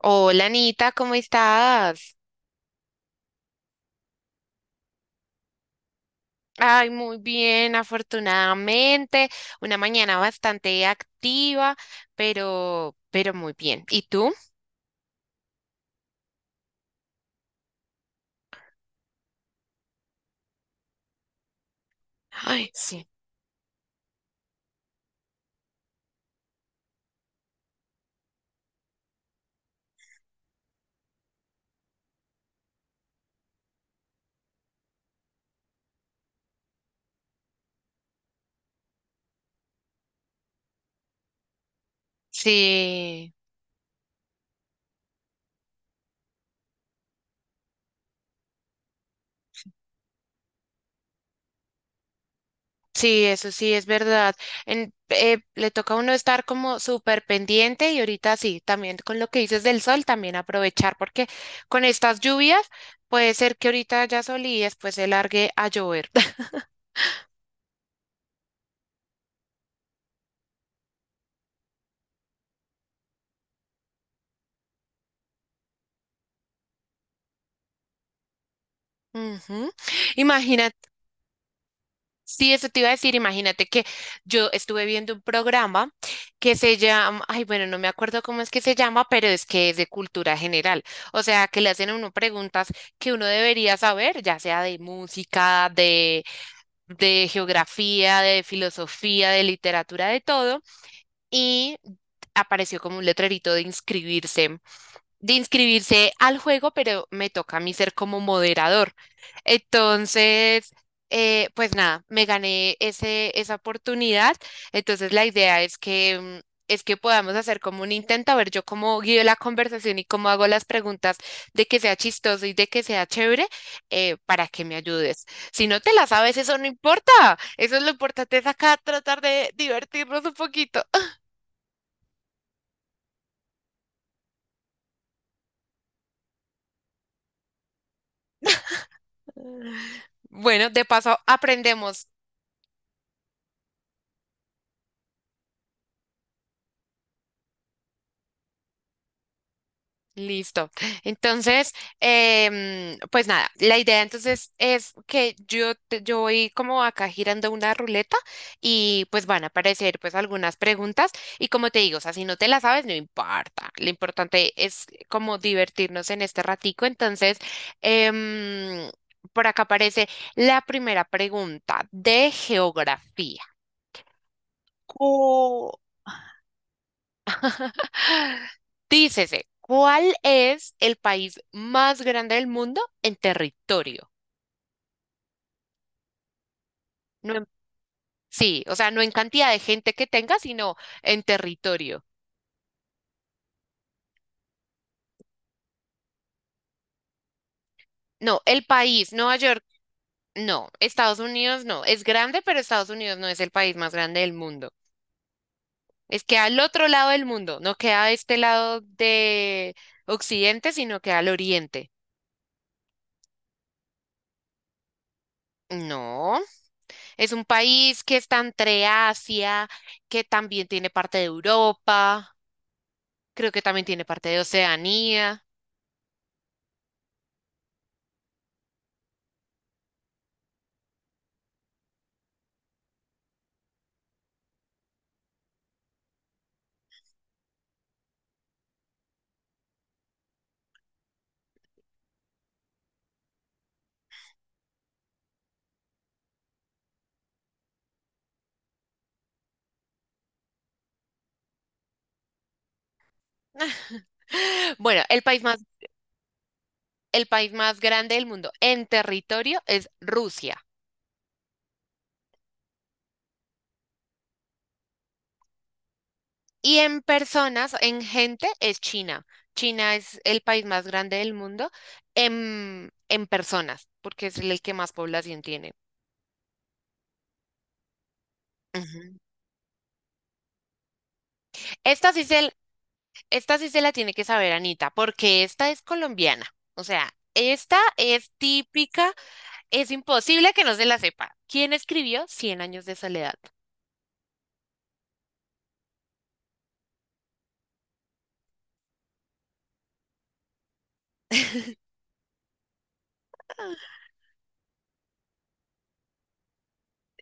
Hola Anita, ¿cómo estás? Ay, muy bien, afortunadamente. Una mañana bastante activa, pero muy bien. ¿Y tú? Ay, sí. Sí, sí, eso sí es verdad. Le toca a uno estar como súper pendiente y ahorita sí, también con lo que dices del sol, también aprovechar porque con estas lluvias puede ser que ahorita ya sol y después se largue a llover. Ujú. Sí, eso te iba a decir, imagínate que yo estuve viendo un programa que se llama, ay, bueno, no me acuerdo cómo es que se llama, pero es que es de cultura general. O sea, que le hacen a uno preguntas que uno debería saber, ya sea de música, de geografía, de filosofía, de literatura, de todo, y apareció como un letrerito de inscribirse al juego, pero me toca a mí ser como moderador. Entonces, pues nada, me gané esa oportunidad. Entonces, la idea es que, es que podamos hacer como un intento, a ver yo cómo guío la conversación y cómo hago las preguntas de que sea chistoso y de que sea chévere, para que me ayudes. Si no te la sabes, eso no importa. Eso es lo importante, es acá tratar de divertirnos un poquito. Bueno, de paso aprendemos. Listo. Entonces, pues nada, la idea entonces es que yo, yo voy como acá girando una ruleta y pues van a aparecer pues algunas preguntas y como te digo, o sea, si no te las sabes, no importa. Lo importante es como divertirnos en este ratico. Entonces, em, por acá aparece la primera pregunta de geografía. Cu- Dícese, ¿cuál es el país más grande del mundo en territorio? No en- sí, o sea, no en cantidad de gente que tenga, sino en territorio. No, el país, Nueva York, no, Estados Unidos no, es grande, pero Estados Unidos no es el país más grande del mundo. Es que al otro lado del mundo, no queda a este lado de Occidente, sino que al Oriente. No, es un país que está entre Asia, que también tiene parte de Europa, creo que también tiene parte de Oceanía. Bueno, el país más grande del mundo en territorio es Rusia, y en personas, en gente es China. China es el país más grande del mundo en personas, porque es el que más población tiene. Ujú. Esta sí se, esta sí se la tiene que saber, Anita, porque esta es colombiana. O sea, esta es típica, es imposible que no se la sepa. ¿Quién escribió Cien años de soledad?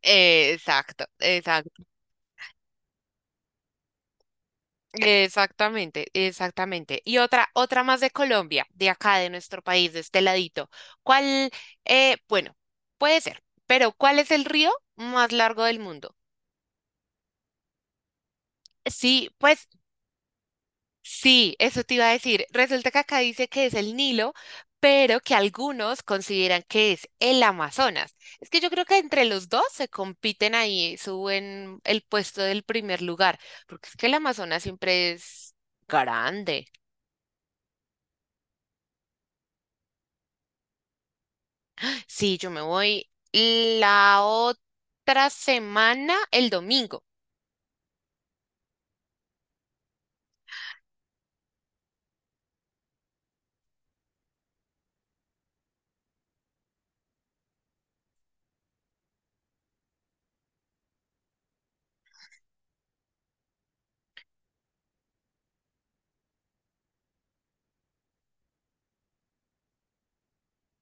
Exacto, exacto. Exactamente, exactamente. Y otra más de Colombia, de acá, de nuestro país, de este ladito. ¿Cuál, bueno, puede ser, pero ¿cuál es el río más largo del mundo? Sí, pues sí, eso te iba a decir. Resulta que acá dice que es el Nilo, pero que algunos consideran que es el Amazonas. Es que yo creo que entre los dos se compiten ahí, suben el puesto del primer lugar, porque es que el Amazonas siempre es grande. Sí, yo me voy la otra semana, el domingo.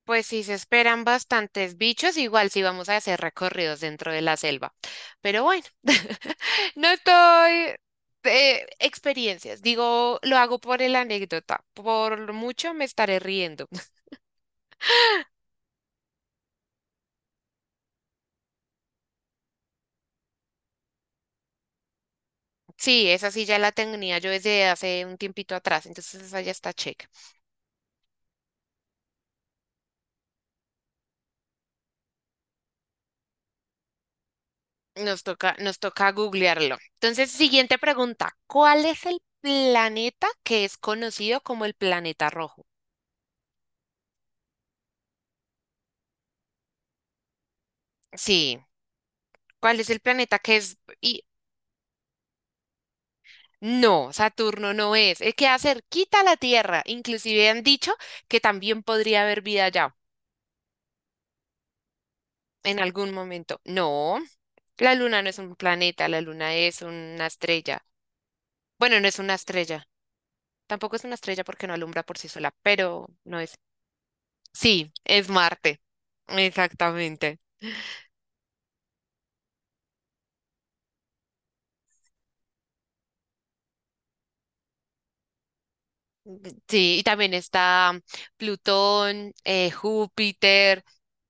Pues sí, se esperan bastantes bichos, igual sí vamos a hacer recorridos dentro de la selva. Pero bueno, no estoy... experiencias, digo, lo hago por el anécdota, por mucho me estaré riendo. Sí, esa sí ya la tenía yo desde hace un tiempito atrás, entonces esa ya está chévere. Nos toca googlearlo. Entonces, siguiente pregunta. ¿Cuál es el planeta que es conocido como el planeta rojo? Sí, ¿cuál es el planeta que es... Y, no, Saturno no es. Es queda cerquita a la Tierra. Inclusive han dicho que también podría haber vida allá en algún momento. No, la Luna no es un planeta, la Luna es una estrella. Bueno, no es una estrella. Tampoco es una estrella porque no alumbra por sí sola, pero no es. Sí, es Marte. Exactamente. Sí, y también está Plutón, Júpiter,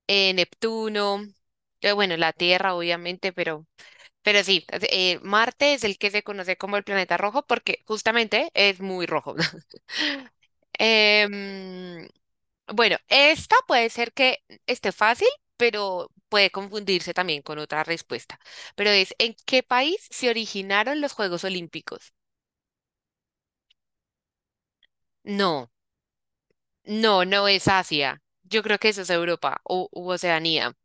Neptuno, bueno, la Tierra obviamente, pero sí, Marte es el que se conoce como el planeta rojo porque justamente es muy rojo. Em, bueno, esta puede ser que esté fácil, pero puede confundirse también con otra respuesta. Pero es, ¿en qué país se originaron los Juegos Olímpicos? No. No, no es Asia. Yo creo que eso es Europa o u Oceanía.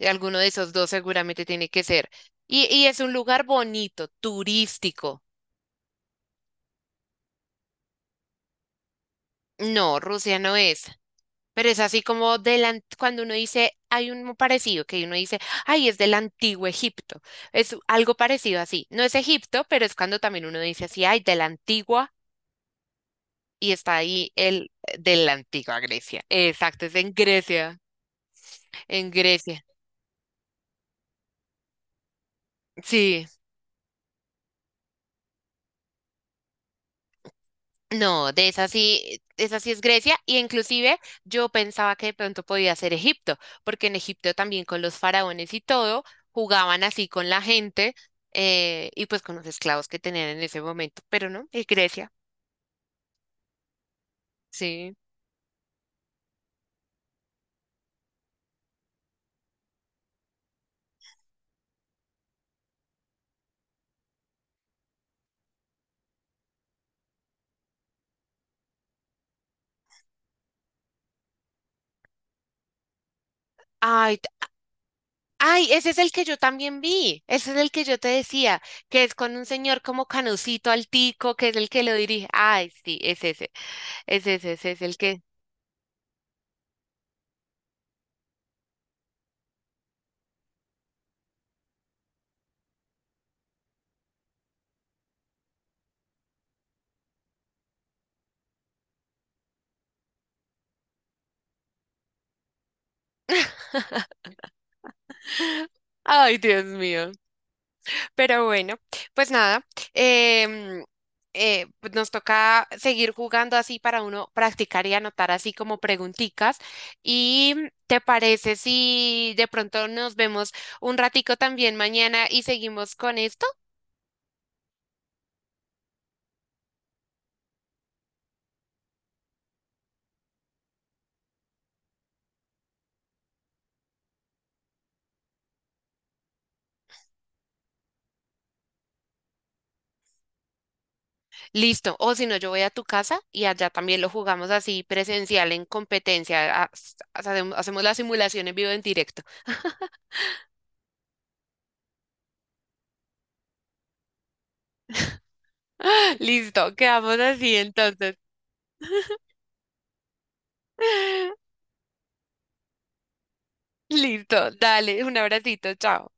Alguno de esos dos seguramente tiene que ser. Y es un lugar bonito, turístico. No, Rusia no es. Pero es así como cuando uno dice, hay un parecido, que uno dice, ay, es del antiguo Egipto. Es algo parecido así. No es Egipto, pero es cuando también uno dice así, ay, de la antigua, y está ahí el de la antigua Grecia. Exacto, es en Grecia, en Grecia. Sí. No, de esa sí es Grecia, y inclusive yo pensaba que de pronto podía ser Egipto, porque en Egipto también con los faraones y todo jugaban así con la gente, y pues con los esclavos que tenían en ese momento, pero no, es Grecia, sí. Ay, t- ay, ese es el que yo también vi, ese es el que yo te decía, que es con un señor como Canucito Altico, que es el que lo dirige. Ay, sí, ese es el que. Ay, Dios mío. Pero bueno, pues nada, em, pues nos toca seguir jugando así para uno practicar y anotar así como pregunticas. ¿Y te parece si de pronto nos vemos un ratico también mañana y seguimos con esto? Listo. O si no, yo voy a tu casa y allá también lo jugamos así presencial en competencia. Hacemos la simulación en vivo en directo. Listo, quedamos así entonces. Listo, dale, un abracito, chao.